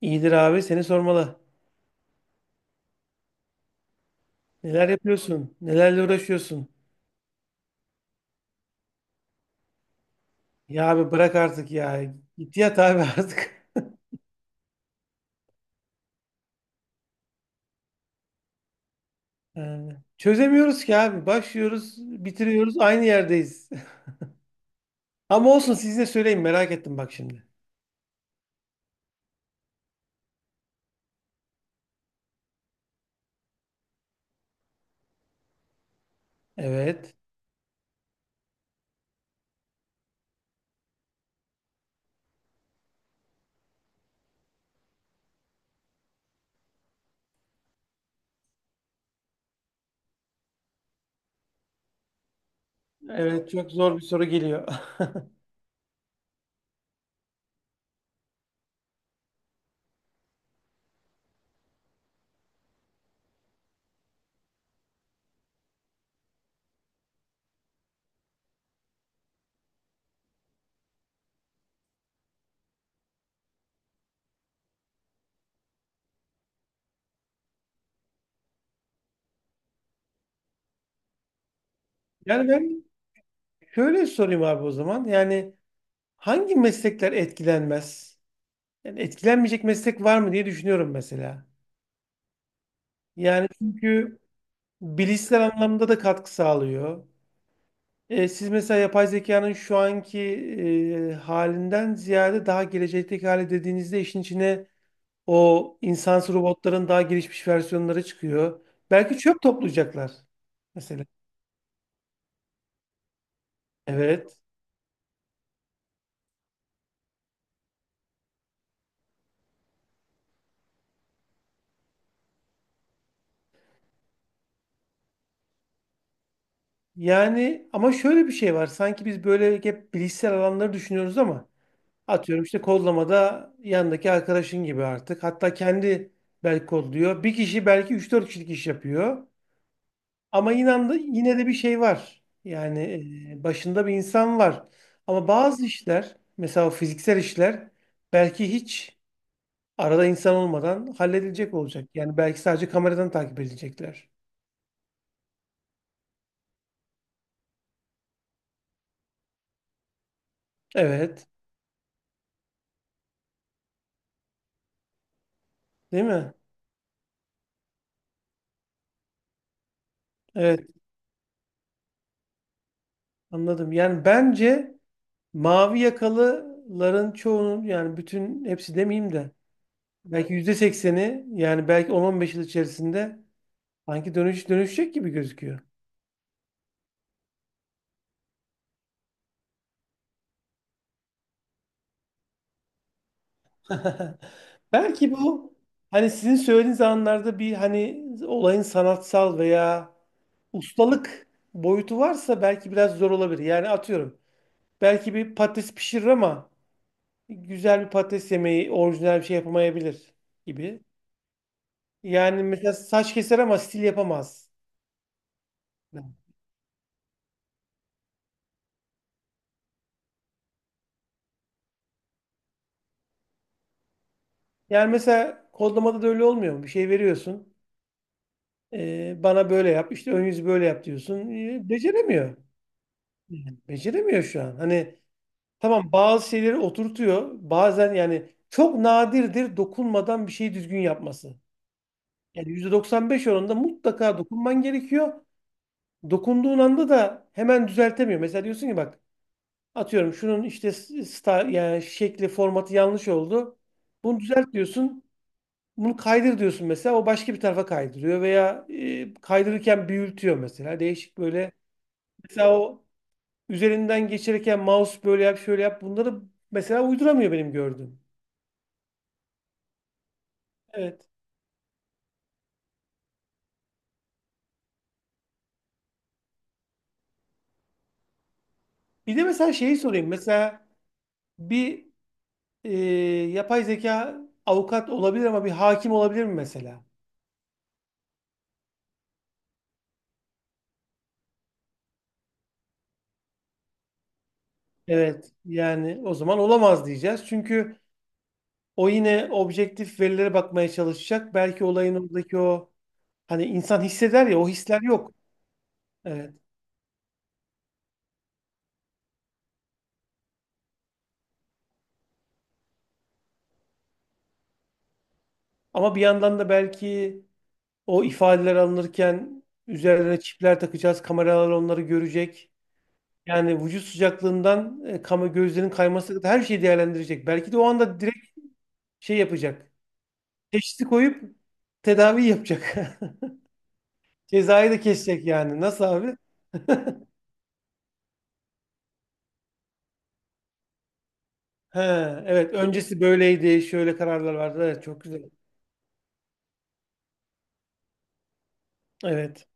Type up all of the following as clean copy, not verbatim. İyidir abi seni sormalı. Neler yapıyorsun? Nelerle uğraşıyorsun? Ya abi bırak artık ya. Git yat abi artık. Yani çözemiyoruz ki abi. Başlıyoruz, bitiriyoruz, aynı yerdeyiz. Ama olsun size söyleyeyim merak ettim bak şimdi. Evet. Evet çok zor bir soru geliyor. Yani ben şöyle sorayım abi o zaman. Yani hangi meslekler etkilenmez? Yani etkilenmeyecek meslek var mı diye düşünüyorum mesela. Yani çünkü bilişsel anlamda da katkı sağlıyor. Siz mesela yapay zekanın şu anki halinden ziyade daha gelecekteki hali dediğinizde işin içine o insansı robotların daha gelişmiş versiyonları çıkıyor. Belki çöp toplayacaklar mesela. Evet. Yani ama şöyle bir şey var. Sanki biz böyle hep bilişsel alanları düşünüyoruz ama atıyorum işte kodlamada yandaki arkadaşın gibi artık. Hatta kendi belki kodluyor. Bir kişi belki üç dört kişilik iş yapıyor. Ama inan da yine de bir şey var. Yani başında bir insan var. Ama bazı işler, mesela o fiziksel işler belki hiç arada insan olmadan halledilecek olacak. Yani belki sadece kameradan takip edilecekler. Evet, değil mi? Evet, anladım. Yani bence mavi yakalıların çoğunun yani bütün hepsi demeyeyim de belki %80'i yani belki 10-15 yıl içerisinde sanki dönüşecek gibi gözüküyor. Belki bu hani sizin söylediğiniz anlarda bir hani olayın sanatsal veya ustalık boyutu varsa belki biraz zor olabilir. Yani atıyorum belki bir patates pişirir ama güzel bir patates yemeği orijinal bir şey yapamayabilir gibi. Yani mesela saç keser ama stil yapamaz. Yani mesela kodlamada da öyle olmuyor mu? Bir şey veriyorsun. Bana böyle yap, işte ön yüzü böyle yap diyorsun. Beceremiyor. Yani beceremiyor şu an. Hani tamam bazı şeyleri oturtuyor. Bazen yani çok nadirdir dokunmadan bir şeyi düzgün yapması. Yani %95 oranında mutlaka dokunman gerekiyor. Dokunduğun anda da hemen düzeltemiyor. Mesela diyorsun ki bak atıyorum şunun işte star, yani şekli formatı yanlış oldu. Bunu düzelt diyorsun. Bunu kaydır diyorsun mesela. O başka bir tarafa kaydırıyor veya kaydırırken büyütüyor mesela. Değişik böyle. Mesela o üzerinden geçirirken mouse böyle yap şöyle yap bunları mesela uyduramıyor benim gördüğüm. Evet. Bir de mesela şeyi sorayım. Mesela bir e, yapay zeka avukat olabilir ama bir hakim olabilir mi mesela? Evet. Yani o zaman olamaz diyeceğiz. Çünkü o yine objektif verilere bakmaya çalışacak. Belki olayın oradaki o hani insan hisseder ya o hisler yok. Evet. Ama bir yandan da belki o ifadeler alınırken üzerlerine çipler takacağız. Kameralar onları görecek. Yani vücut sıcaklığından kama gözlerin kayması kadar her şeyi değerlendirecek. Belki de o anda direkt şey yapacak. Teşhisi koyup tedavi yapacak. Cezayı da kesecek yani. Nasıl abi? He, evet öncesi böyleydi. Şöyle kararlar vardı. Evet, çok güzel. Evet.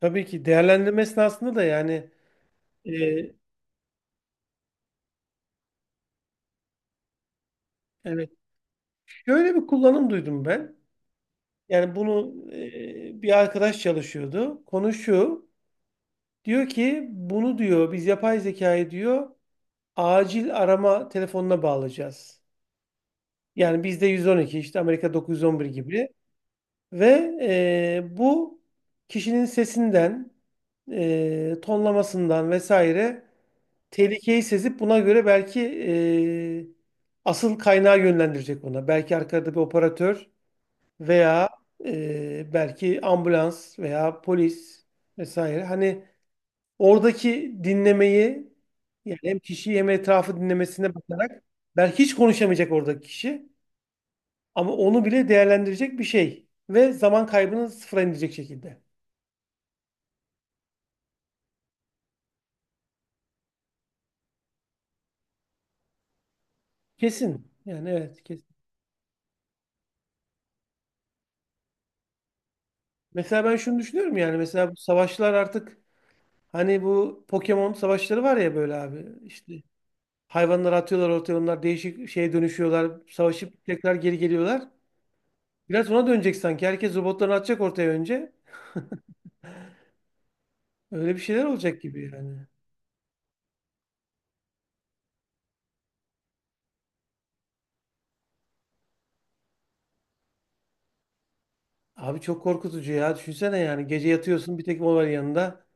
Tabii ki değerlendirme esnasında da yani e, evet. Şöyle bir kullanım duydum ben. Yani bunu bir arkadaş çalışıyordu. Konu şu. Diyor ki bunu diyor biz yapay zekayı diyor acil arama telefonuna bağlayacağız. Yani bizde 112 işte Amerika 911 gibi. Ve bu kişinin sesinden, tonlamasından vesaire tehlikeyi sezip buna göre belki asıl kaynağı yönlendirecek ona. Belki arkada bir operatör veya belki ambulans veya polis vesaire. Hani oradaki dinlemeyi yani hem kişiyi hem etrafı dinlemesine bakarak belki hiç konuşamayacak oradaki kişi ama onu bile değerlendirecek bir şey ve zaman kaybını sıfıra indirecek şekilde. Kesin. Yani evet kesin. Mesela ben şunu düşünüyorum yani mesela bu savaşlar artık hani bu Pokemon savaşları var ya böyle abi işte hayvanları atıyorlar ortaya onlar değişik şeye dönüşüyorlar savaşıp tekrar geri geliyorlar. Biraz ona dönecek sanki herkes robotlarını atacak ortaya önce. Öyle bir şeyler olacak gibi yani. Abi çok korkutucu ya düşünsene yani gece yatıyorsun bir tek o var yanında.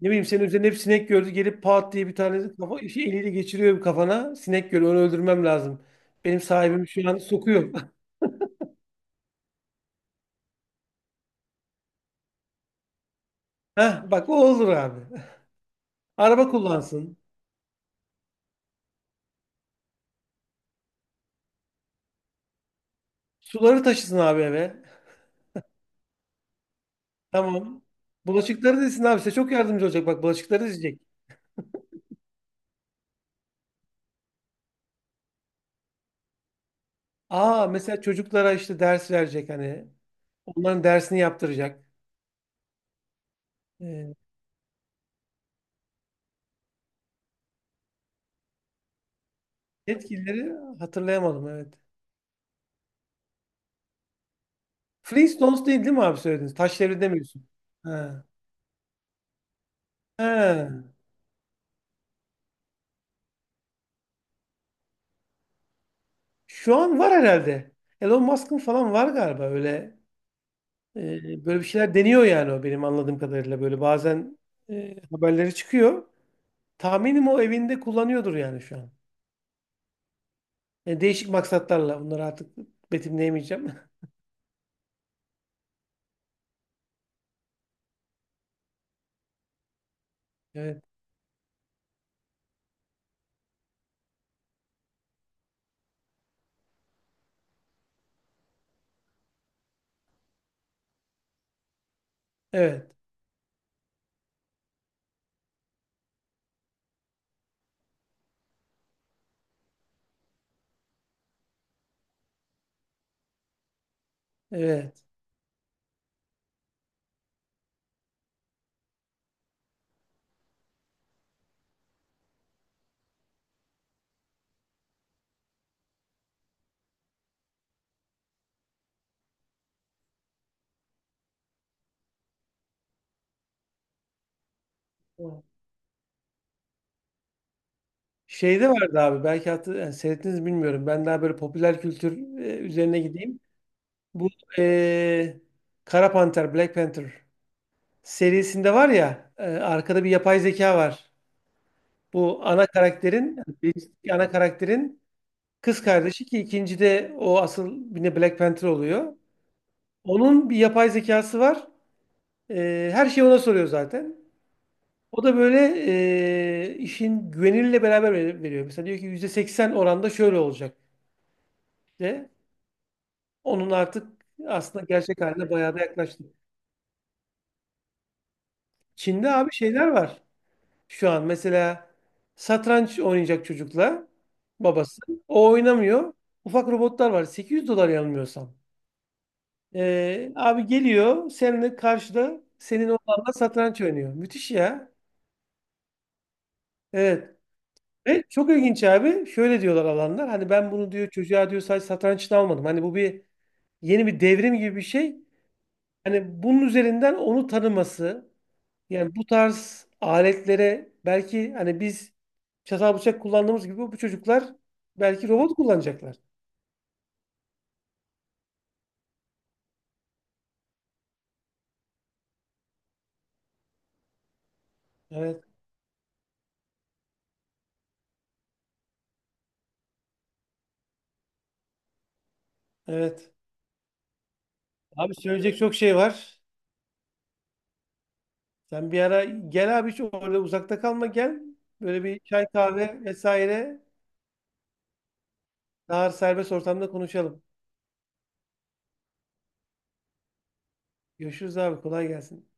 Ne bileyim senin üzerinde hep sinek gördü gelip pat diye bir tane kafa, şey, eliyle geçiriyor kafana. Sinek görüyor onu öldürmem lazım. Benim sahibim şu an sokuyor. Heh, bak o olur abi. Araba kullansın. Suları taşısın abi eve. Tamam. Bulaşıkları dizsin abi. Size çok yardımcı olacak. Bak bulaşıkları dizecek. Aa mesela çocuklara işte ders verecek hani. Onların dersini yaptıracak. Ee, Etkileri hatırlayamadım evet. Flintstones değil değil mi abi söylediniz? Taş devri demiyorsun. Ha. Ha. Şu an var herhalde. Elon Musk'ın falan var galiba öyle. e, Böyle bir şeyler deniyor yani o benim anladığım kadarıyla. Böyle bazen haberleri çıkıyor. Tahminim o evinde kullanıyordur yani şu an. Yani değişik maksatlarla bunları artık betimleyemeyeceğim. Evet. Evet. Evet. Şeyde vardı abi belki hatır, yani seyrettiniz mi bilmiyorum. Ben daha böyle popüler kültür üzerine gideyim. Bu e, Kara Panter, Black Panther serisinde var ya arkada bir yapay zeka var. Bu ana karakterin yani birinci ana karakterin kız kardeşi ki ikincide o asıl yine Black Panther oluyor. Onun bir yapay zekası var. Her şeyi ona soruyor zaten. O da böyle işin güveniyle beraber veriyor. Mesela diyor ki %80 oranda şöyle olacak de. Onun artık aslında gerçek haline bayağı da yaklaştık. Çin'de abi şeyler var şu an. Mesela satranç oynayacak çocukla babası. O oynamıyor. Ufak robotlar var. 800 dolar yanılmıyorsam. Abi geliyor seninle karşıda senin oğlanla satranç oynuyor. Müthiş ya. Evet. Ve çok ilginç abi. Şöyle diyorlar alanlar. Hani ben bunu diyor çocuğa diyor sadece satranç için almadım. Hani bu bir yeni bir devrim gibi bir şey. Hani bunun üzerinden onu tanıması. Yani bu tarz aletlere belki hani biz çatal bıçak kullandığımız gibi bu çocuklar belki robot kullanacaklar. Evet, evet. Abi söyleyecek çok şey var. Sen bir ara gel abi hiç orada uzakta kalma gel. Böyle bir çay kahve vesaire daha serbest ortamda konuşalım. Görüşürüz abi kolay gelsin.